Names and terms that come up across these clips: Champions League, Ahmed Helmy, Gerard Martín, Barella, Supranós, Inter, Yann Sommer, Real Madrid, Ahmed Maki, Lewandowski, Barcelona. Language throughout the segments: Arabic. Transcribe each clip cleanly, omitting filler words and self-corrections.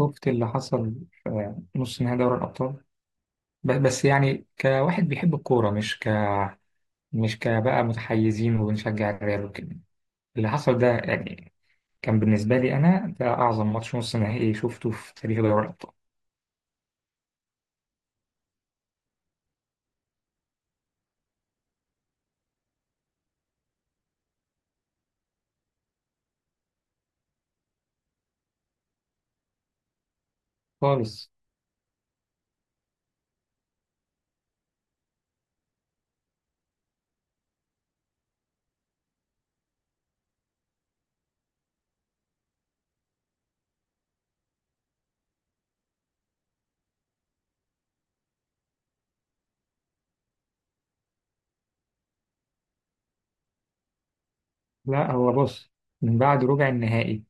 شفت اللي حصل في نص نهائي دوري الأبطال؟ بس يعني كواحد بيحب الكورة، مش كبقى متحيزين وبنشجع الريال وكده. اللي حصل ده يعني كان بالنسبة لي أنا ده أعظم ماتش نص نهائي شفته في تاريخ دوري الأبطال خالص. لا، هو بص، من بعد ربع النهائي،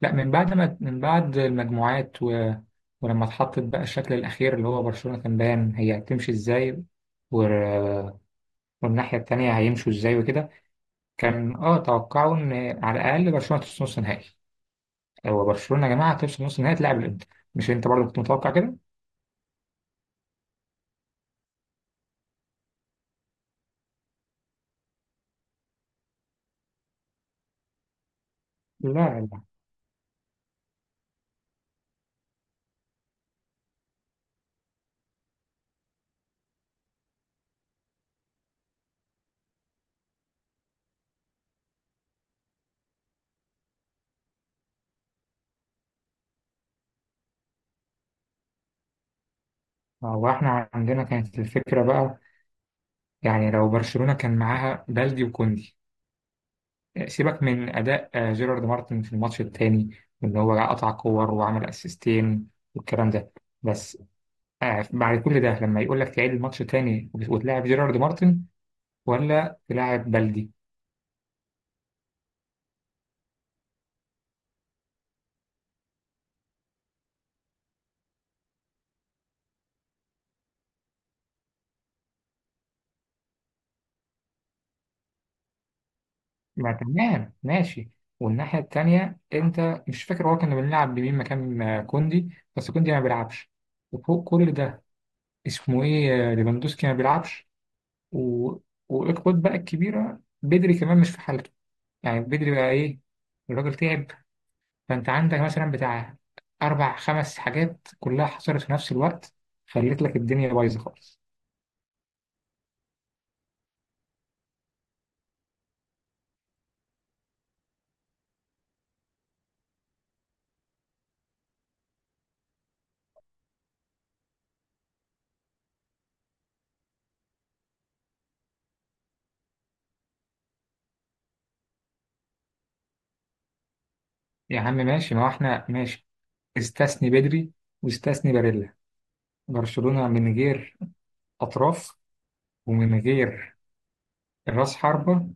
لا، من بعد ما من بعد المجموعات، و... ولما اتحطت بقى الشكل الأخير اللي هو برشلونة كان باين هي هتمشي إزاي، و... والناحية التانية هيمشوا إزاي وكده. كان توقعوا ان على الاقل برشلونه توصل نص نهائي. هو برشلونه يا جماعه توصل نص نهائي تلعب الانتر. مش انت برضه كنت متوقع كده؟ لا، لا. هو احنا عندنا كانت الفكره بقى، يعني لو برشلونه كان معاها بلدي وكوندي. سيبك من اداء جيرارد مارتن في الماتش التاني، ان هو قطع كور وعمل اسيستين والكلام ده. بس بعد كل ده لما يقول لك تعيد الماتش تاني وتلاعب جيرارد مارتن ولا تلاعب بلدي. ما تمام، ماشي. والناحية التانية أنت مش فاكر هو كنا بنلعب بمين مكان كوندي؟ بس كوندي ما بيلعبش، وفوق كل ده اسمه إيه ليفاندوسكي ما بيلعبش، و... والإقباط بقى الكبيرة بدري كمان مش في حالته. يعني بدري بقى إيه؟ الراجل تعب. فأنت عندك مثلا بتاع أربع خمس حاجات كلها حصلت في نفس الوقت، خلت لك الدنيا بايظة خالص. يا عم ماشي، ما هو إحنا ماشي. استثني بدري واستثني باريلا. برشلونة من غير أطراف ومن غير راس حربة،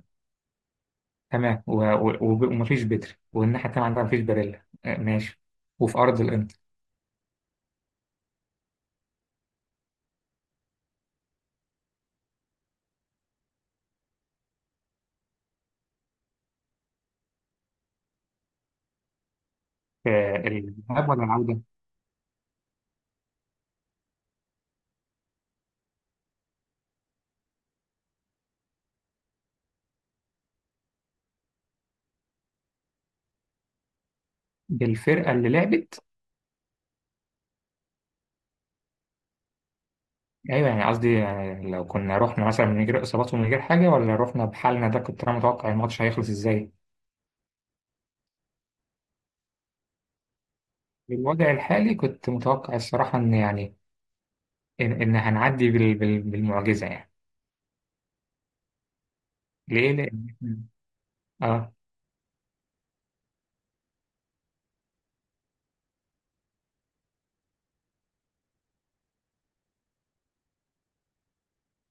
تمام، ومفيش بتر، والناحية التانية عندها مفيش باريلا، ماشي، وفي أرض الإنتر. الذهاب ولا العودة؟ بالفرقة اللي لعبت. أيوة، يعني قصدي يعني لو كنا رحنا مثلا من غير إصابات ومن غير حاجة، ولا رحنا بحالنا ده، كنت أنا متوقع الماتش هيخلص إزاي؟ بالوضع الحالي كنت متوقع الصراحة إن يعني إن هنعدي بالمعجزة يعني. ليه؟ لأن إحنا- آه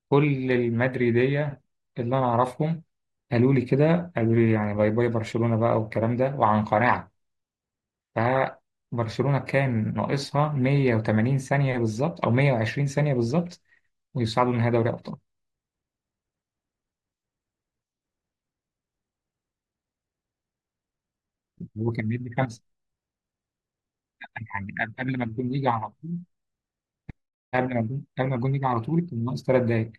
كل المدريدية اللي أنا أعرفهم قالوا لي كده، قالوا لي يعني باي باي برشلونة بقى والكلام ده، وعن قناعة. فبرشلونة كان ناقصها 180 ثانية بالظبط أو 120 ثانية بالظبط ويصعدوا لنهائي دوري أبطال. هو كان مدي خمسة، يعني قبل ما الجون يجي على طول. قبل ما الجون يجي على طول كان ناقص 3 دقايق.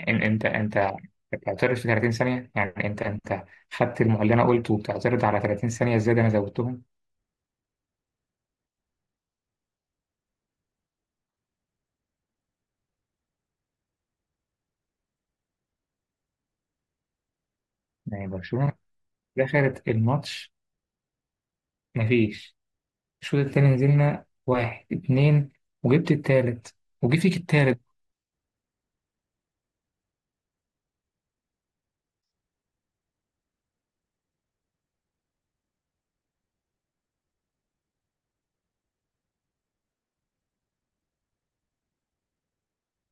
أنت بتعترض في 30 ثانية، يعني أنت خدت المعلنة قلت وبتعترض على 30 ثانية زيادة، أنا زودتهم. يعني برشلونة دخلت الماتش، مفيش، الشوط التاني نزلنا واحد اتنين وجبت التالت وجي فيك التالت.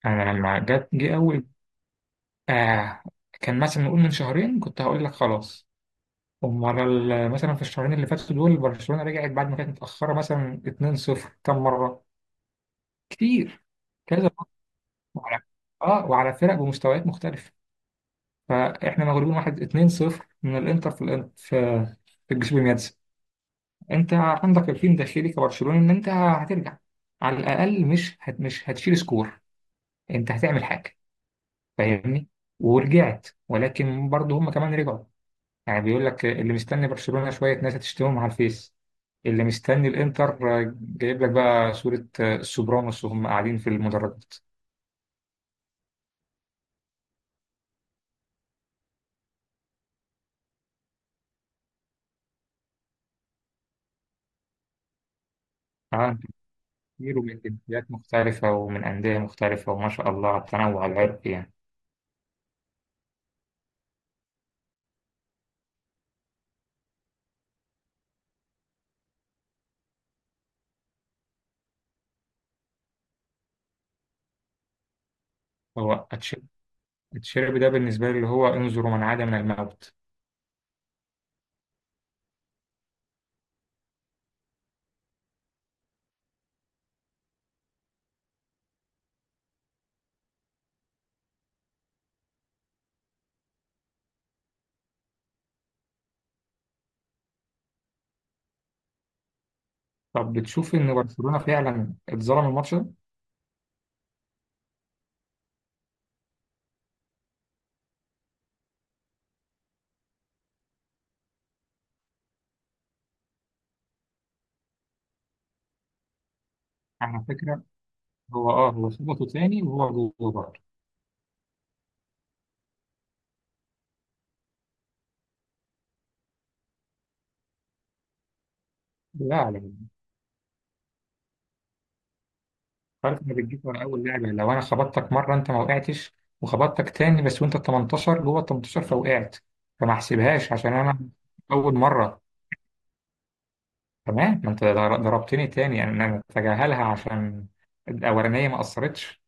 أنا لما جه أول آه كان مثلا نقول من شهرين كنت هقول لك خلاص. أمال؟ مثلا في الشهرين اللي فاتوا دول برشلونة رجعت بعد ما كانت متأخرة مثلا 2-0 كم مرة؟ كتير، كذا مرة، وعلى، اه وعلى فرق بمستويات مختلفة. فاحنا مغلوبين واحد، 2-0 من الانتر، في الانتر، في الجسوبيمياتس. انت عندك يقين داخلي كبرشلوني ان انت هترجع، على الاقل مش هتشيل سكور، انت هتعمل حاجه، فاهمني؟ ورجعت ولكن برضه هم كمان رجعوا. يعني بيقول لك اللي مستني برشلونه شويه ناس هتشتمهم على الفيس، اللي مستني الانتر جايب لك بقى صوره سوبرانوس وهم قاعدين في المدرجات. عالم كتير ومن جنسيات مختلفه ومن انديه مختلفه، وما شاء الله على التنوع العرقي يعني. هو أتش- اتشيربي ده بالنسبه لي اللي هو انظروا من عاد من الموت. طب بتشوف ان برشلونه فعلا اتظلم الماتش ده؟ على فكره، هو خبطه تاني وهو جوه برضه. لا، على. عارف انك بتجيب ورا اول لعبه؟ لو انا خبطتك مره انت ما وقعتش، وخبطتك تاني بس وانت ال 18 جوه ال 18 فوقعت، فما احسبهاش عشان انا اول مره. تمام، ما انت ضربتني تاني، يعني انا اتجاهلها عشان الاولانيه ما اثرتش.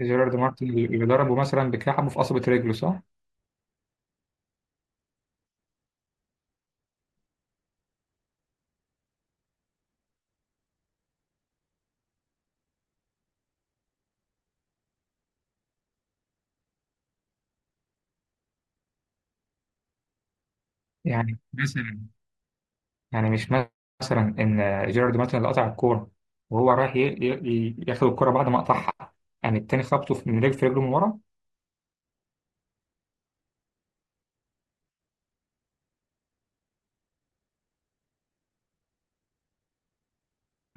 جيرارد مارتن اللي ضربه مثلا بكعبه في قصبة رجله، صح؟ يعني مثلا، يعني مش مثلا ان جيرارد مارتن اللي قطع الكوره وهو رايح ياخد الكوره بعد ما قطعها، يعني التاني خبطه في، من رجل، في رجله من ورا.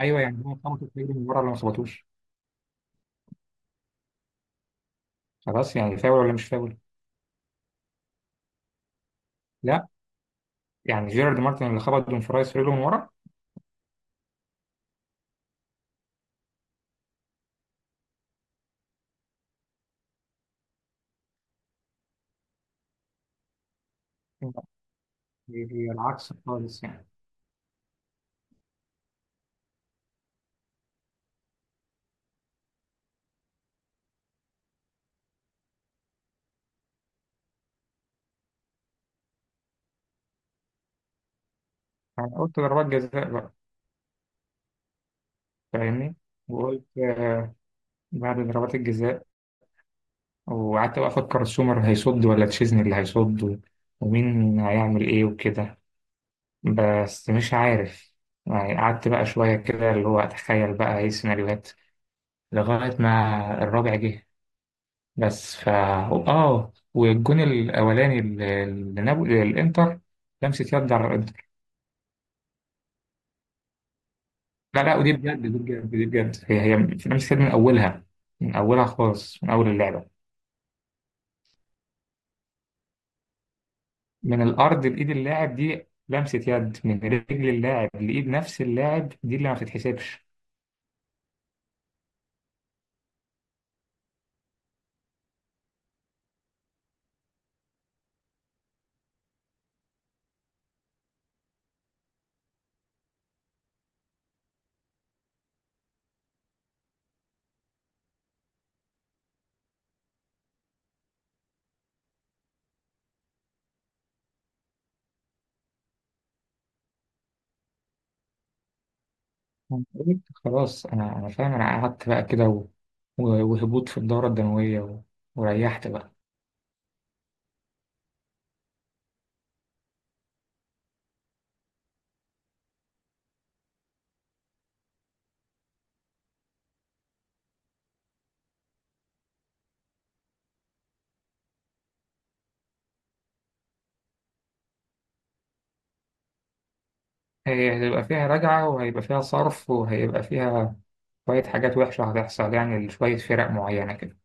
ايوه، يعني هو خبطه في رجله من ورا ولا ما خبطوش؟ خلاص، يعني فاول ولا مش فاول؟ لا، يعني جيرارد مارتن اللي خبط دون فرايز في رجله من ورا. لا، هي العكس خالص يعني. انا قلت ضربات جزاء بقى، فاهمني؟ وقلت بعد ضربات الجزاء، وقعدت بقى افكر سومر هيصد ولا تشيزني اللي هيصد، ومين هيعمل ايه وكده، بس مش عارف. يعني قعدت بقى شوية كده اللي هو أتخيل بقى إيه السيناريوهات لغاية ما الرابع جه. بس فا آه والجون الأولاني اللي نابولي الإنتر، لمسة يد على الإنتر. لا، لا، ودي بجد، دي بجد، دي بجد، هي لمسة يد من أولها، من أولها خالص، من أول اللعبة. من الأرض لإيد اللاعب دي لمسة يد من رجل اللاعب لإيد نفس اللاعب، دي اللي ما بتتحسبش. قلت خلاص، انا فاهم، انا قعدت بقى كده، و... وهبوط في الدورة الدموية، و... وريحت بقى. هي هيبقى فيها رجعة، وهيبقى فيها صرف، وهيبقى فيها شوية حاجات وحشة هتحصل يعني لشوية فرق معينة كده.